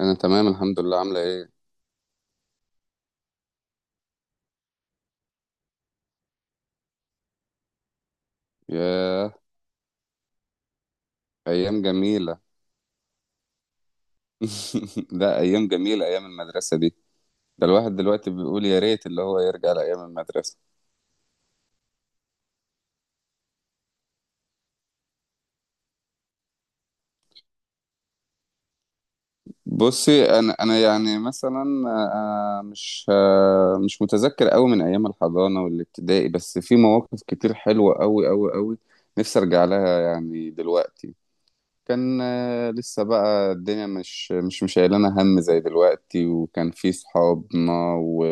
انا تمام الحمد لله، عامله ايه؟ ياه. ايام جميله. لا، ايام جميله ايام المدرسه دي. ده الواحد دلوقتي بيقول يا ريت اللي هو يرجع لايام المدرسه. بصي، انا يعني مثلا مش متذكر قوي من ايام الحضانه والابتدائي، بس في مواقف كتير حلوه قوي قوي قوي. نفسي ارجع لها يعني دلوقتي. كان لسه بقى الدنيا مش شايلانا هم زي دلوقتي، وكان في صحابنا و...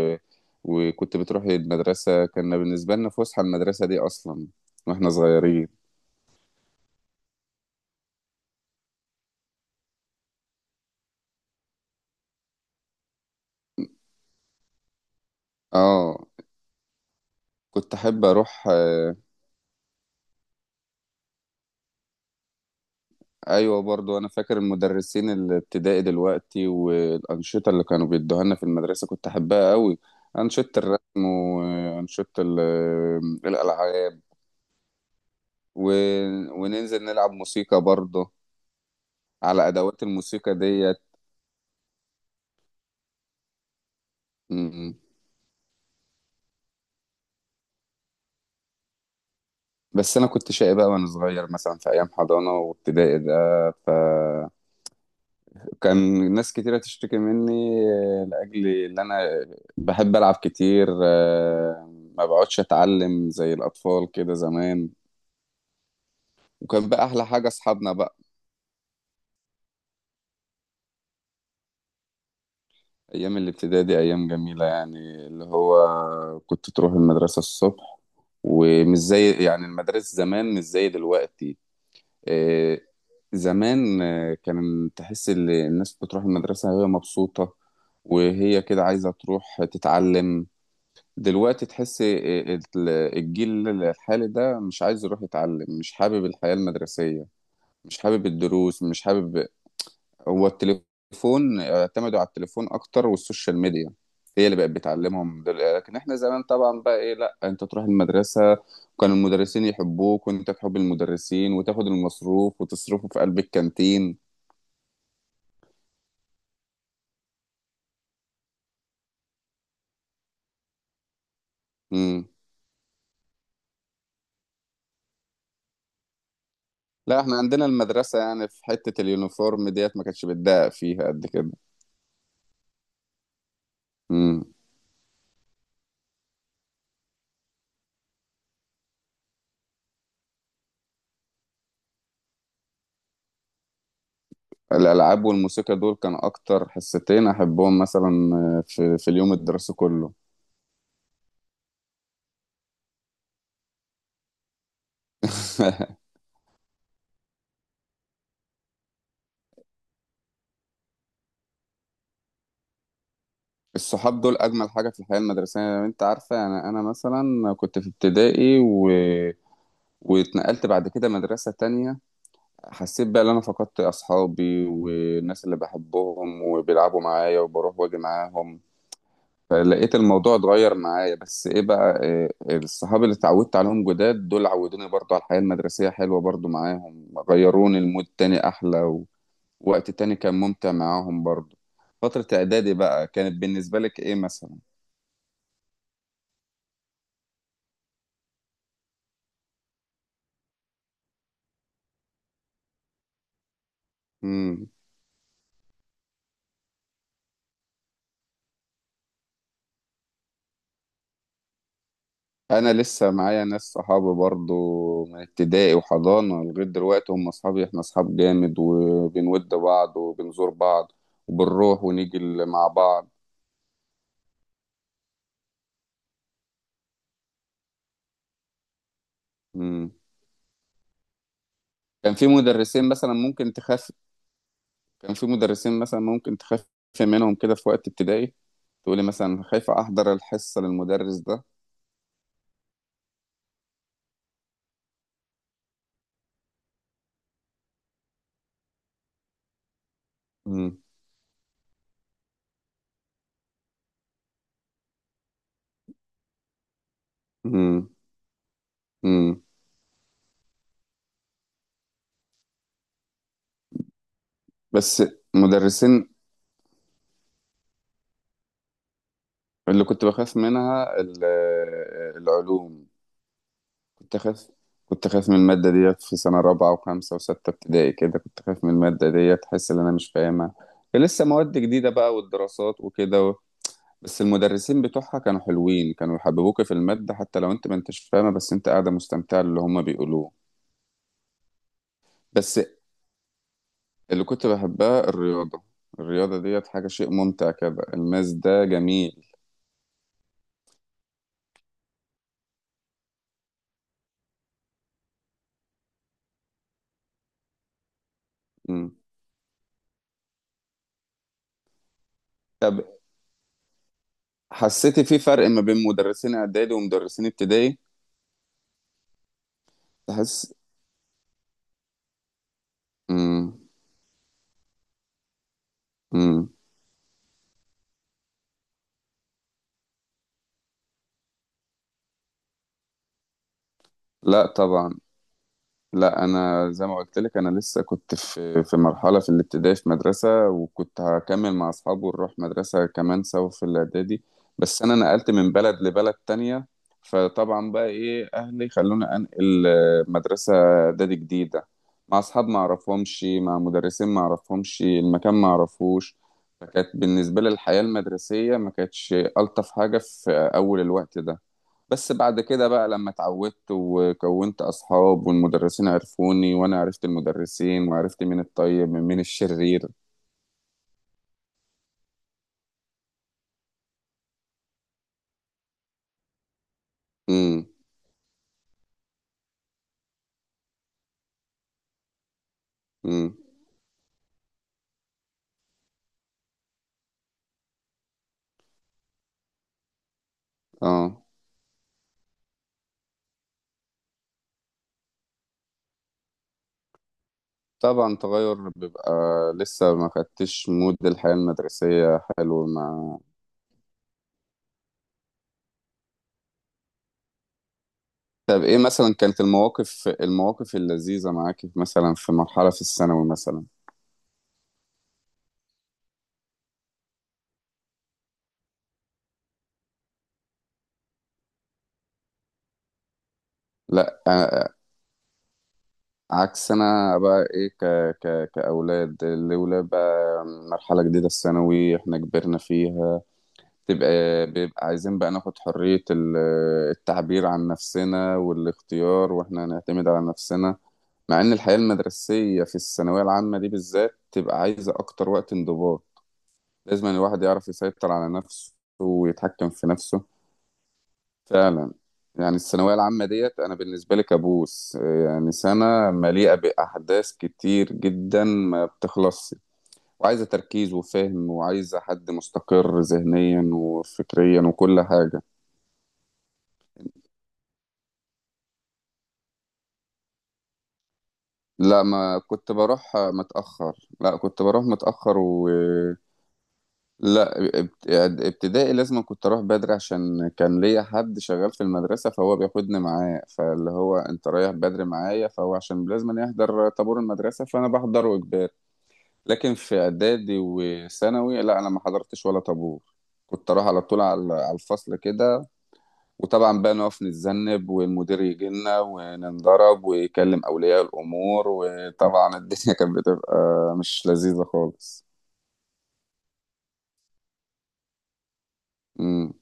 وكنت بتروح المدرسة. كنا بالنسبة لنا فسحة المدرسة دي أصلا، واحنا صغيرين. اه. كنت أحب أروح أيوة، برضو أنا فاكر المدرسين الابتدائي دلوقتي، والأنشطة اللي كانوا بيدوها لنا في المدرسة كنت أحبها قوي. أنشطة الرسم وأنشطة الألعاب و... وننزل نلعب موسيقى برضو على أدوات الموسيقى ديت. مم. بس انا كنت شقي بقى وانا صغير، مثلا في ايام حضانه وابتدائي ده، فكان ناس كتيره تشتكي مني لاجل ان انا بحب العب كتير، ما بقعدش اتعلم زي الاطفال كده زمان. وكان بقى احلى حاجه اصحابنا بقى. ايام الابتدائي دي ايام جميله، يعني اللي هو كنت تروح المدرسه الصبح، ومش زي يعني المدارس زمان مش زي دلوقتي. آه، زمان كان تحس ان الناس بتروح المدرسة وهي مبسوطة، وهي كده عايزة تروح تتعلم. دلوقتي تحس الجيل الحالي ده مش عايز يروح يتعلم، مش حابب الحياة المدرسية، مش حابب الدروس، مش حابب. هو التليفون، اعتمدوا على التليفون اكتر والسوشيال ميديا، هي اللي بقت بتعلمهم. لكن احنا زمان طبعا بقى ايه، لا انت تروح المدرسه، وكان المدرسين يحبوك وانت تحب المدرسين، وتاخد المصروف وتصرفه في قلب الكانتين. امم. لا، احنا عندنا المدرسه يعني في حته اليونيفورم ديت ما كانتش بتضايق فيها قد كده. امم. الالعاب والموسيقى دول كان اكتر حصتين احبهم، مثلا في اليوم الدراسي كله. الصحاب دول اجمل حاجه في الحياه المدرسيه. يعني انت عارفه، انا مثلا كنت في ابتدائي واتنقلت بعد كده مدرسه تانية. حسيت بقى ان انا فقدت اصحابي والناس اللي بحبهم وبيلعبوا معايا وبروح واجي معاهم، فلقيت الموضوع اتغير معايا. بس ايه بقى، إيه الصحاب اللي اتعودت عليهم جداد دول عودوني برضو على الحياه المدرسيه، حلوه برضو معاهم، غيروني المود تاني احلى، ووقت تاني كان ممتع معاهم برضو. فتره اعدادي بقى كانت بالنسبه لك ايه مثلا؟ انا لسه معايا ناس صحابي برضو من ابتدائي وحضانة لغاية دلوقتي، هم اصحابي، احنا اصحاب جامد، وبنود بعض وبنزور بعض، وبنروح ونيجي مع بعض. مم. كان في مدرسين مثلا ممكن تخاف كان في مدرسين مثلا ممكن تخاف منهم كده في وقت ابتدائي، تقولي مثلا خايفة احضر الحصة للمدرس ده. مم. مم. مم. بس مدرسين، اللي كنت بخاف منها العلوم. كنت خايف كنت خايف من المادة ديت في سنة رابعة وخمسة وستة ابتدائي كده، كنت خايف من المادة ديت، أحس إن أنا مش فاهمها. كان لسه مواد جديدة بقى والدراسات وكده، بس المدرسين بتوعها كانوا حلوين، كانوا يحببوك في المادة حتى لو أنت ما أنتش فاهمة، بس أنت قاعدة مستمتعة اللي هما بيقولوه. بس اللي كنت بحبها الرياضة. الرياضة ديت حاجة، شيء ممتع كده، الماس ده جميل. مم. طب حسيتي في فرق ما بين مدرسين إعدادي ومدرسين ابتدائي؟ تحس. مم. مم. لا طبعا. لا، انا زي ما قلت لك، انا لسه كنت في مرحله في الابتدائي في مدرسه، وكنت هكمل مع اصحابي ونروح مدرسه كمان سوا في الاعدادي، بس انا نقلت من بلد لبلد تانية. فطبعا بقى ايه، اهلي خلوني انقل مدرسه اعدادي جديده، مع اصحاب ما اعرفهمش، مع مدرسين ما اعرفهمش، المكان ما اعرفوش. فكانت بالنسبه لي الحياه المدرسيه ما كانتش الطف حاجه في اول الوقت ده. بس بعد كده بقى لما اتعودت وكونت أصحاب، والمدرسين عرفوني وأنا عرفت المدرسين، وعرفت مين الطيب من مين الشرير. امم. امم. اه، طبعا تغير بيبقى، لسه ما خدتش مود الحياة المدرسية حلو مع. طب ايه مثلا كانت المواقف اللذيذة معاكي مثلا في مرحلة في الثانوي مثلا؟ لا، عكس، انا بقى ايه، كأولاد، الأولاد بقى مرحلة جديدة الثانوي احنا كبرنا فيها، تبقى بيبقى عايزين بقى ناخد حرية التعبير عن نفسنا والاختيار، واحنا هنعتمد على نفسنا. مع ان الحياة المدرسية في الثانوية العامة دي بالذات تبقى عايزة اكتر وقت انضباط، لازم الواحد يعرف يسيطر على نفسه ويتحكم في نفسه. فعلا. يعني الثانوية العامة ديت انا بالنسبة لي كابوس، يعني سنة مليئة بأحداث كتير جدا ما بتخلصش، وعايزة تركيز وفهم، وعايزة حد مستقر ذهنيا وفكريا وكل حاجة. لا ما كنت بروح متأخر، لا كنت بروح متأخر لا ابتدائي لازم كنت اروح بدري، عشان كان ليا حد شغال في المدرسة فهو بياخدني معاه، فاللي هو انت رايح بدري معايا فهو عشان لازم يحضر طابور المدرسة، فانا بحضره اجباري. لكن في اعدادي وثانوي لا، انا ما حضرتش ولا طابور، كنت اروح على طول على الفصل كده. وطبعا بقى نقف نتذنب والمدير يجي لنا وننضرب ويكلم أولياء الأمور، وطبعا الدنيا كانت بتبقى مش لذيذة خالص. امم.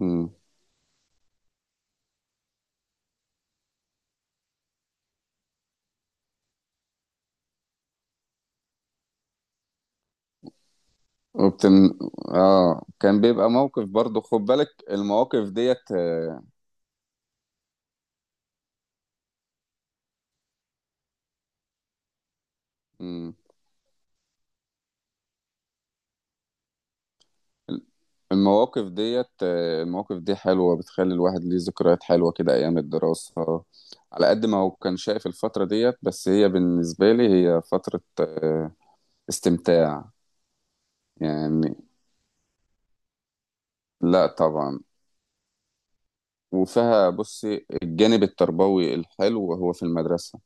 امم. وبتن... اه، كان بيبقى موقف برضو، خد بالك المواقف ديت مم. المواقف ديت آه، المواقف دي حلوة، بتخلي الواحد ليه ذكريات حلوة كده أيام الدراسة، على قد ما هو كان شايف الفترة ديت. بس هي بالنسبة لي هي فترة استمتاع. يعني لا طبعا، وفيها بصي الجانب التربوي الحلو هو في المدرسة،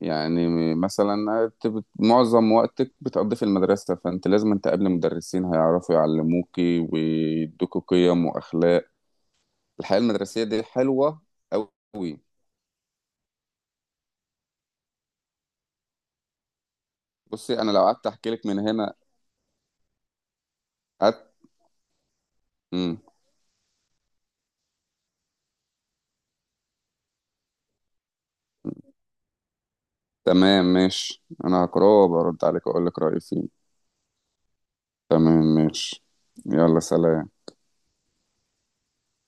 يعني مثلا أنت معظم وقتك بتقضيه في المدرسة، فأنت لازم أنت قبل مدرسين هيعرفوا يعلموكي ويدوكوا قيم وأخلاق. الحياة المدرسية دي حلوة أوي. بصي أنا لو قعدت أحكي لك من هنا، أت... مم. تمام ماشي، أنا هقراه وبرد عليك أقول لك رأيي فيه. تمام ماشي. يلا سلام.